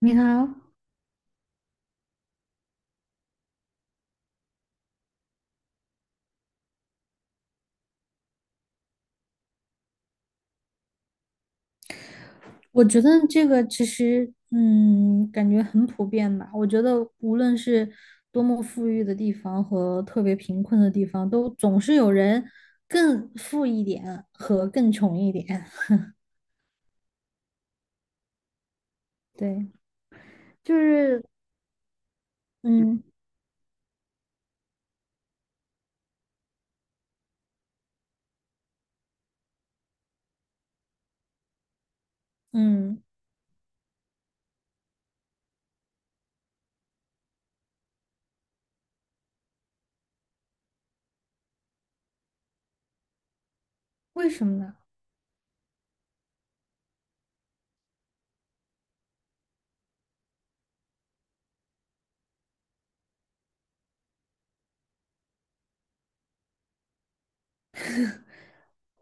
你好，我觉得这个其实，感觉很普遍吧。我觉得无论是多么富裕的地方和特别贫困的地方，都总是有人更富一点和更穷一点。对，就是，嗯嗯，为什么呢？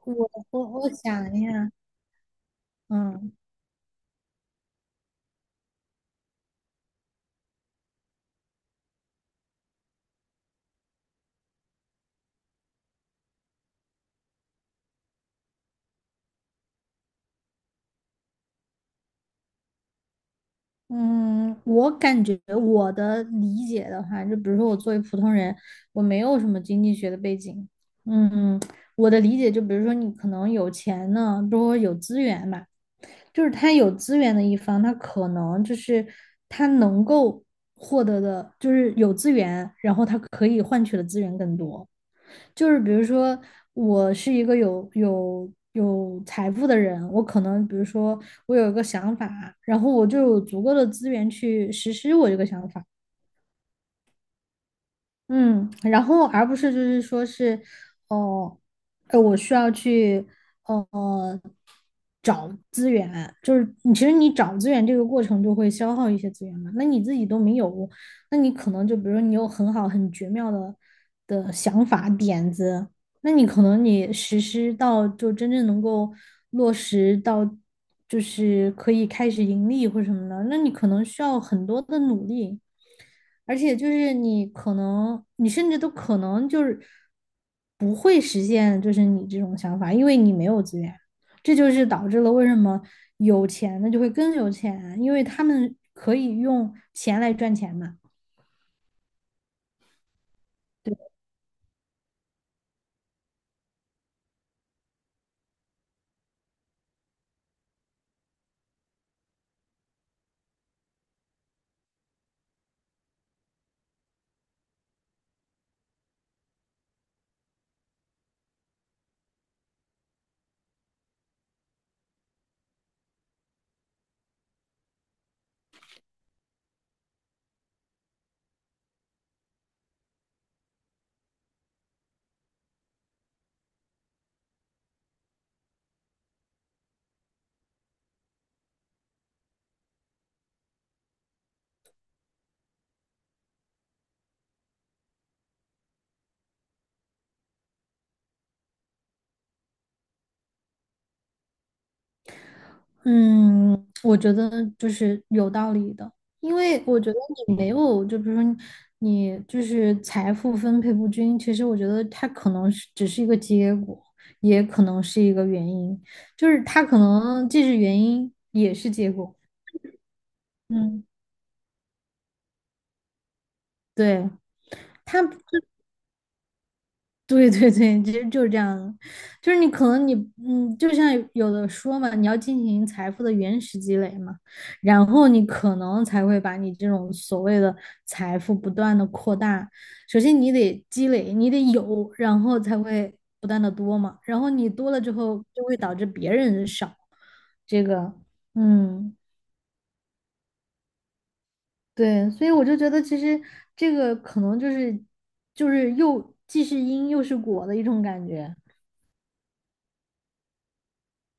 我想一下，嗯。嗯，我感觉我的理解的话，就比如说我作为普通人，我没有什么经济学的背景。嗯，我的理解就比如说你可能有钱呢，比如说有资源吧，就是他有资源的一方，他可能就是他能够获得的，就是有资源，然后他可以换取的资源更多。就是比如说，我是一个有财富的人，我可能比如说我有一个想法，然后我就有足够的资源去实施我这个想法，嗯，然后而不是就是说是，哦、我需要去，呃，找资源，就是你其实你找资源这个过程就会消耗一些资源嘛，那你自己都没有，那你可能就比如说你有很好很绝妙的。那你可能你实施到就真正能够落实到，就是可以开始盈利或什么的，那你可能需要很多的努力，而且就是你可能你甚至都可能就是不会实现就是你这种想法，因为你没有资源，这就是导致了为什么有钱的就会更有钱，因为他们可以用钱来赚钱嘛。嗯，我觉得就是有道理的，因为我觉得你没有，就比如说你就是财富分配不均，其实我觉得它可能是只是一个结果，也可能是一个原因，就是它可能既是原因也是结果。嗯，对，它。对对对，其实就是这样的，就是你可能你就像有的说嘛，你要进行财富的原始积累嘛，然后你可能才会把你这种所谓的财富不断的扩大。首先你得积累，你得有，然后才会不断的多嘛。然后你多了之后，就会导致别人少。这个，嗯，对，所以我就觉得其实这个可能就是又既是因又是果的一种感觉。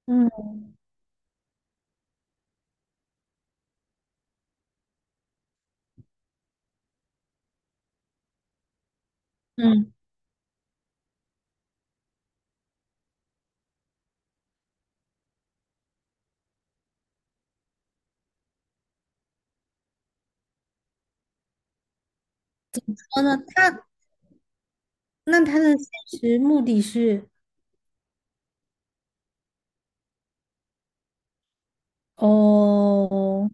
嗯嗯。哦，那他的现实目的是哦，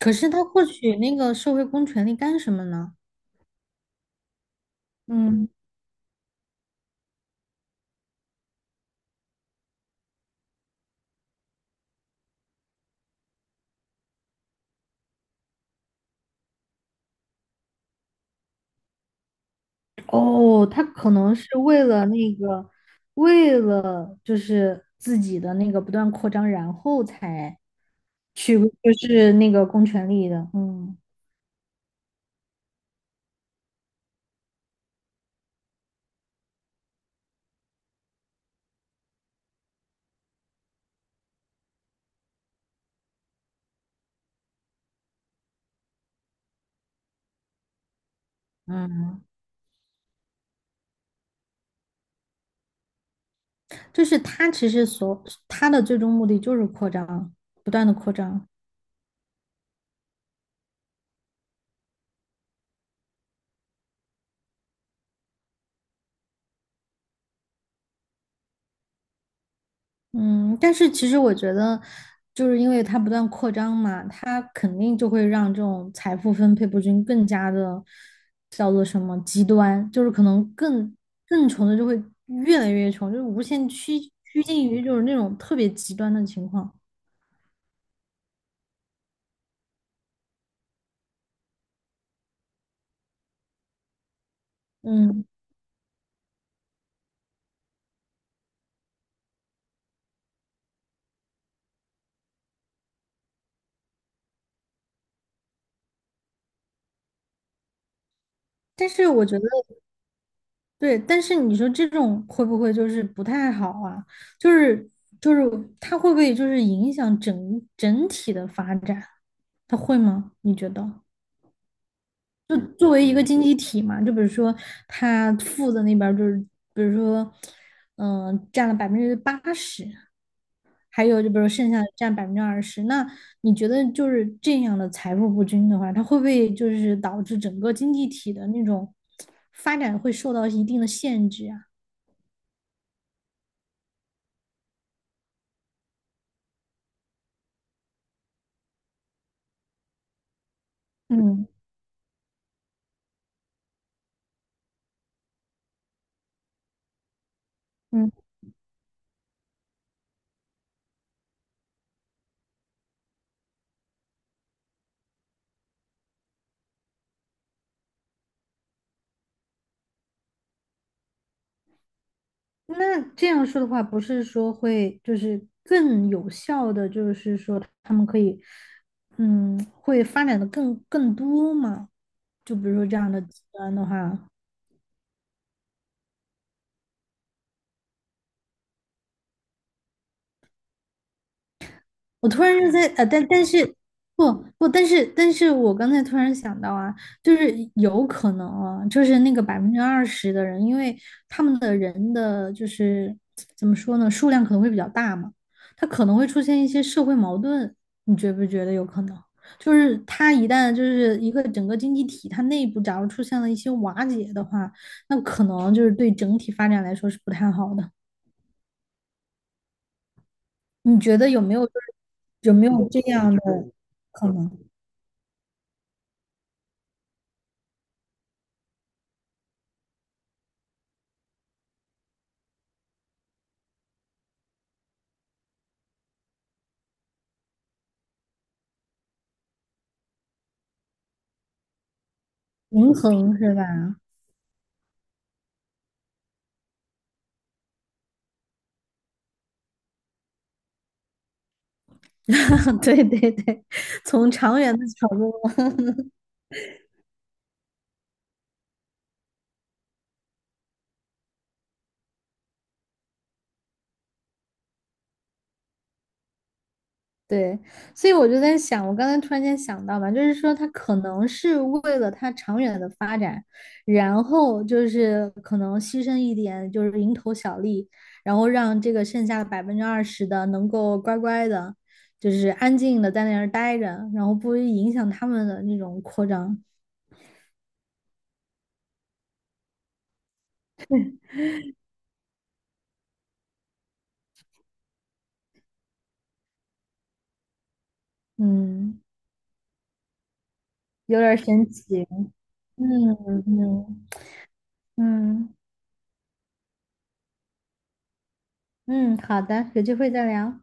可是他获取那个社会公权力干什么呢？嗯，哦，他可能是为了那个，为了就是自己的那个不断扩张，然后才去就是那个公权力的，嗯，就是他其实所他的最终目的就是扩张，不断的扩张。嗯，但是其实我觉得，就是因为它不断扩张嘛，它肯定就会让这种财富分配不均更加的叫做什么极端，就是可能更穷的就会越来越穷，就是无限趋近于就是那种特别极端的情况。嗯，但是我觉得对，但是你说这种会不会就是不太好啊？就是就是它会不会就是影响整体的发展？它会吗？你觉得？就作为一个经济体嘛，就比如说他负的那边儿就是，比如说，占了80%，还有就比如剩下的占百分之二十。那你觉得就是这样的财富不均的话，它会不会就是导致整个经济体的那种发展会受到一定的限制啊？嗯嗯，那这样说的话，不是说会就是更有效的，就是说他们可以，会发展的更多吗？就比如说这样的极端的话，我突然就在但是不不，但是我刚才突然想到啊，就是有可能啊，就是那个百分之二十的人，因为他们的人的就是怎么说呢，数量可能会比较大嘛，他可能会出现一些社会矛盾，你觉不觉得有可能？就是他一旦就是一个整个经济体，它内部假如出现了一些瓦解的话，那可能就是对整体发展来说是不太好的。你觉得有没有就是有没有这样的可能平衡是吧？对对对，从长远的角度，对，所以我就在想，我刚才突然间想到吧，就是说他可能是为了他长远的发展，然后就是可能牺牲一点，就是蝇头小利，然后让这个剩下百分之二十的能够乖乖的，就是安静的在那儿待着，然后不影响他们的那种扩张，嗯。有点儿神奇。嗯嗯嗯嗯，好的，有机会再聊。